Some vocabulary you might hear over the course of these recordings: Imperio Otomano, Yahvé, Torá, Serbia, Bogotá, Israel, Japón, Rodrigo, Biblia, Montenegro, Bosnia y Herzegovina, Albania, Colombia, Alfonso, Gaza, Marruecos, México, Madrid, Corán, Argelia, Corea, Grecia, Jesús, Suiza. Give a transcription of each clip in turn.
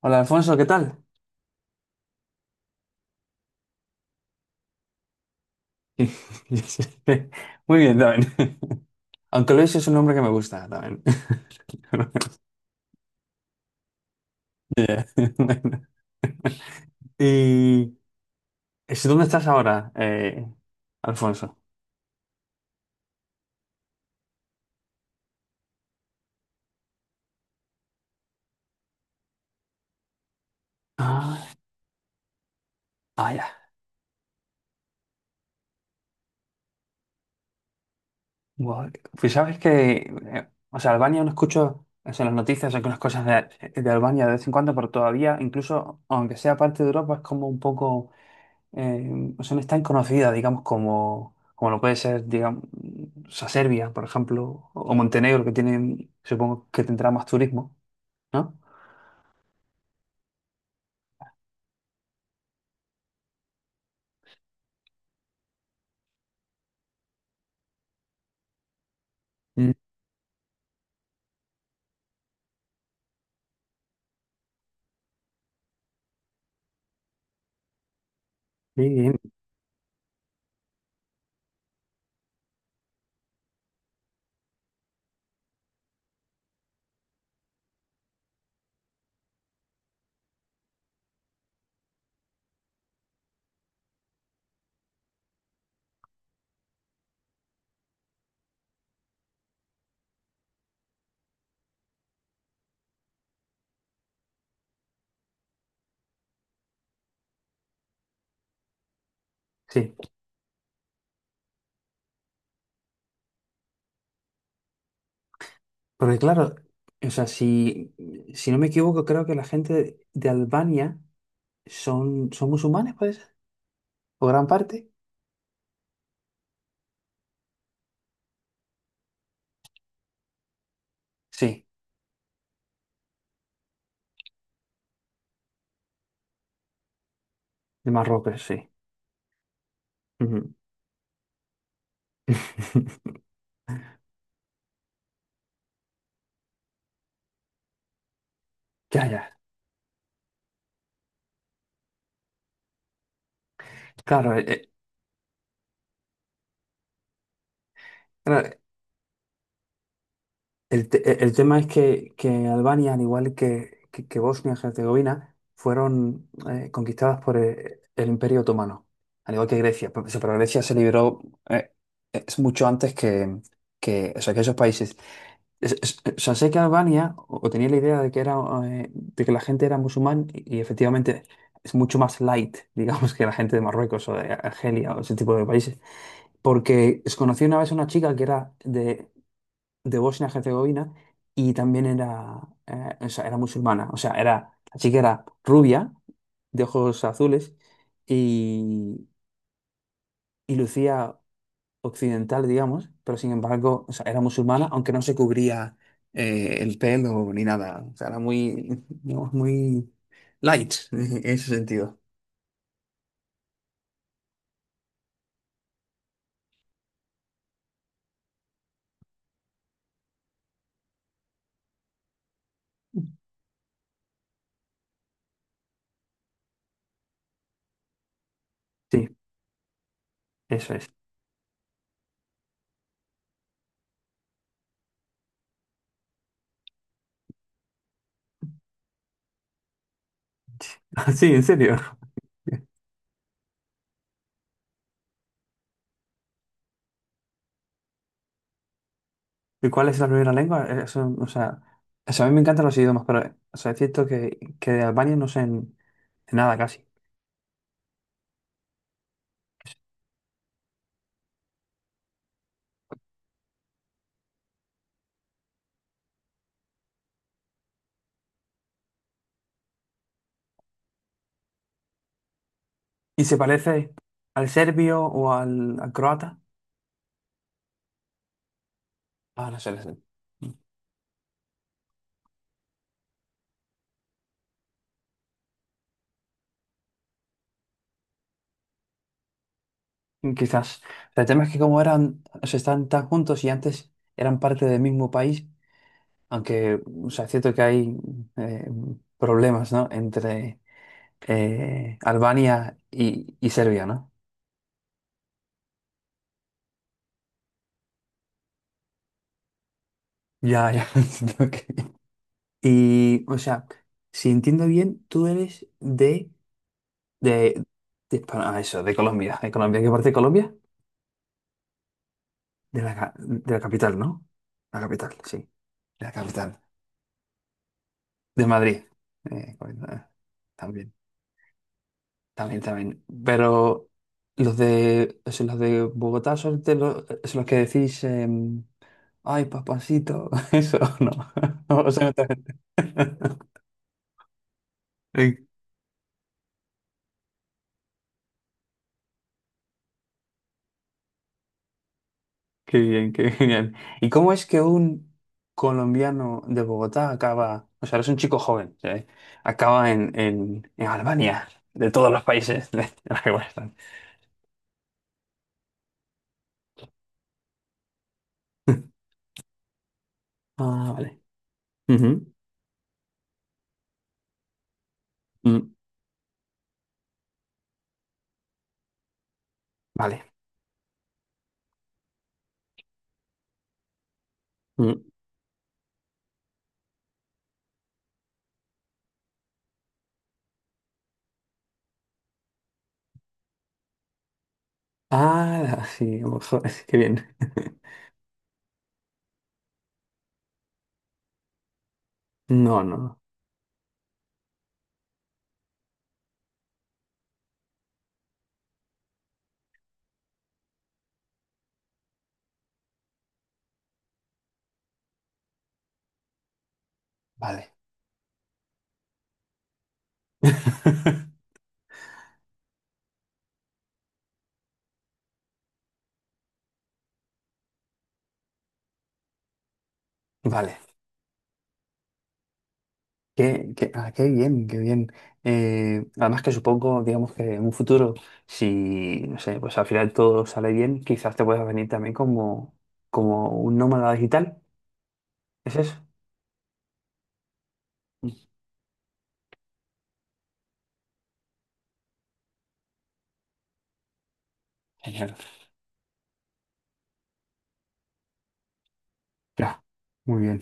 Hola Alfonso, ¿qué tal? Muy bien, también. Aunque Luis es un nombre que me gusta también. Yeah. Bueno. ¿Y dónde estás ahora, Alfonso? Ah, ah, ya. Guau. Pues sabes que, o sea, Albania no escucho, o sea, en las noticias algunas cosas de Albania de vez en cuando, pero todavía, incluso aunque sea parte de Europa, es como un poco. O sea, no es tan conocida, digamos, como lo puede ser, digamos, o sea, Serbia, por ejemplo, o Montenegro, que tienen, supongo que tendrá más turismo, ¿no? Mm, sí, sí. Porque claro, o sea, si no me equivoco, creo que la gente de Albania son musulmanes, puede ser, o gran parte. Sí, de Marruecos, sí. Ujú. Ya, ya. Claro, claro, el tema es que Albania, al igual que Bosnia y Herzegovina, fueron conquistadas por Imperio Otomano, al igual que Grecia. Pero Grecia se liberó. eh, es mucho antes o sea, que esos países. O sea, sé que Albania, o tenía la idea de que la gente era musulmán y efectivamente es mucho más light, digamos, que la gente de Marruecos o de Argelia o ese tipo de países. Porque conocí una vez a una chica que era de Bosnia-Herzegovina y también o sea, era musulmana. O sea, la chica era rubia, de ojos azules y, y lucía occidental, digamos, pero sin embargo, o sea, era musulmana, aunque no se cubría el pelo ni nada. O sea, era muy, digamos, muy light en ese sentido. Sí, eso es. Sí, en serio. ¿Y cuál es la primera lengua? Eso, o sea, a mí me encantan los idiomas, pero o sea, es cierto que de Albania no sé, de nada casi. ¿Y se parece al serbio o al croata? Ah, no sé, no sé. Quizás. El tema es que como eran, o sea, están tan juntos y antes eran parte del mismo país, aunque, o sea, es cierto que hay eh, problemas, ¿no? Entre Albania y Serbia, ¿no? Ya, ya. Ok. Y, o sea, si entiendo bien, tú eres de, de, ah, eso, de Colombia. ¿De Colombia? ¿Qué parte de Colombia? De la capital, ¿no? La capital, sí, de la capital, de Madrid. Bueno, también, también, también. Pero los de, o sea, los de Bogotá son de los, es los que decís, ay, papacito, eso, no. O sea, también. Ay, qué bien, qué genial. ¿Y cómo es que un colombiano de Bogotá acaba, o sea, eres un chico joven, ¿sí? Acaba en Albania, de todos los países de los que están. Ah, vale. Ujú, mm, vale. Mm. Ah, sí, a lo mejor, qué bien. No, no, no. Vale. Vale. Ah, qué bien, qué bien. Además que supongo, digamos que en un futuro, si, no sé, pues al final todo sale bien, quizás te puedas venir también como un nómada digital. ¿Es eso? Mm, Genial. Ya, muy bien.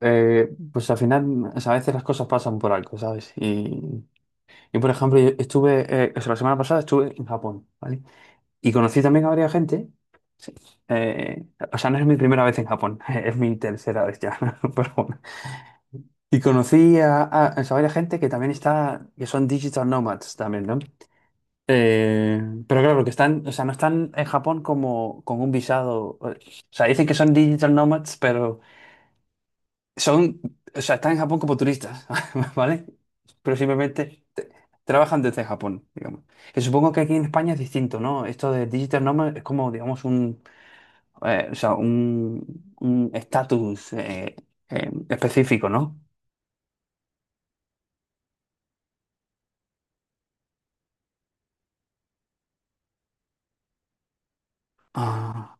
Pues al final, o sea, a veces las cosas pasan por algo, ¿sabes? Y yo, por ejemplo, yo o sea, la semana pasada estuve en Japón, ¿vale? Y conocí también a varias gente. Sí. Eh, o sea, no es mi primera vez en Japón, es mi tercera vez ya, pero bueno. Y conocí o sea, varias gente que también está, que son digital nomads también, ¿no? Pero claro, que están, o sea, no están en Japón como con un visado. O sea, dicen que son digital nomads, pero son, o sea, están en Japón como turistas, ¿vale? Pero simplemente trabajan desde Japón, digamos. Que supongo que aquí en España es distinto, ¿no? Esto de digital nomad es como, digamos, un, o sea, un estatus específico, ¿no? Ah,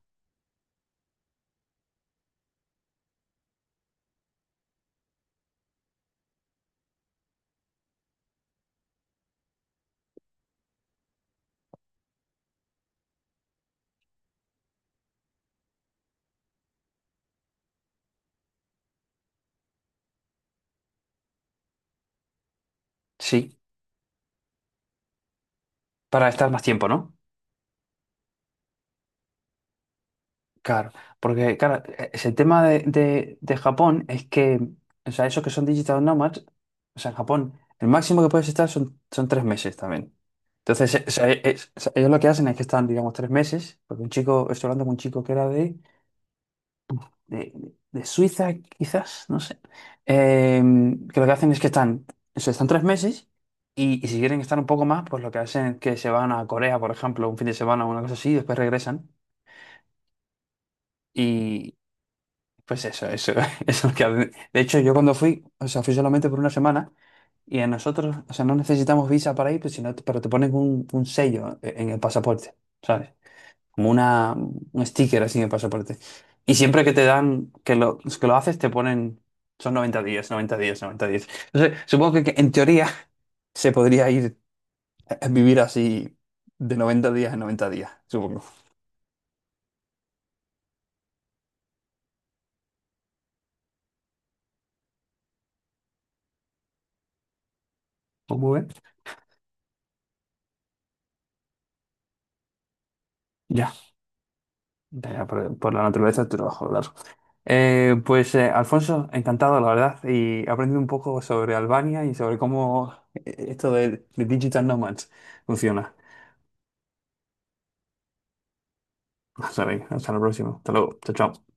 sí, para estar más tiempo, ¿no? Claro, porque, claro, ese tema de Japón es que, o sea, esos que son digital nomads, o sea, en Japón, el máximo que puedes estar son, son 3 meses también. Entonces, o sea, ellos lo que hacen es que están, digamos, 3 meses, porque estoy hablando con un chico que era de, de Suiza, quizás, no sé, eh, que lo que hacen es que están, o sea, están 3 meses y si quieren estar un poco más, pues lo que hacen es que se van a Corea, por ejemplo, un fin de semana o una cosa así, y después regresan y pues eso, eso es lo que hacen. De hecho, yo cuando fui, o sea, fui solamente por una semana. Y a nosotros, o sea, no necesitamos visa para ir, pues, sino, pero te ponen un sello en el pasaporte, ¿sabes? Como un sticker así de pasaporte. Y siempre que te dan, que lo haces, te ponen, son 90 días, 90 días, 90 días. Entonces, supongo que en teoría se podría ir a vivir así de 90 días en 90 días, supongo. ¿Cómo ves? Ya, ya, ya, por la naturaleza del trabajo, claro. Pues Alfonso, encantado, la verdad, y aprendí un poco sobre Albania y sobre cómo esto de Digital Nomads funciona. Hasta, hasta la próxima. Hasta luego. Chao, chao.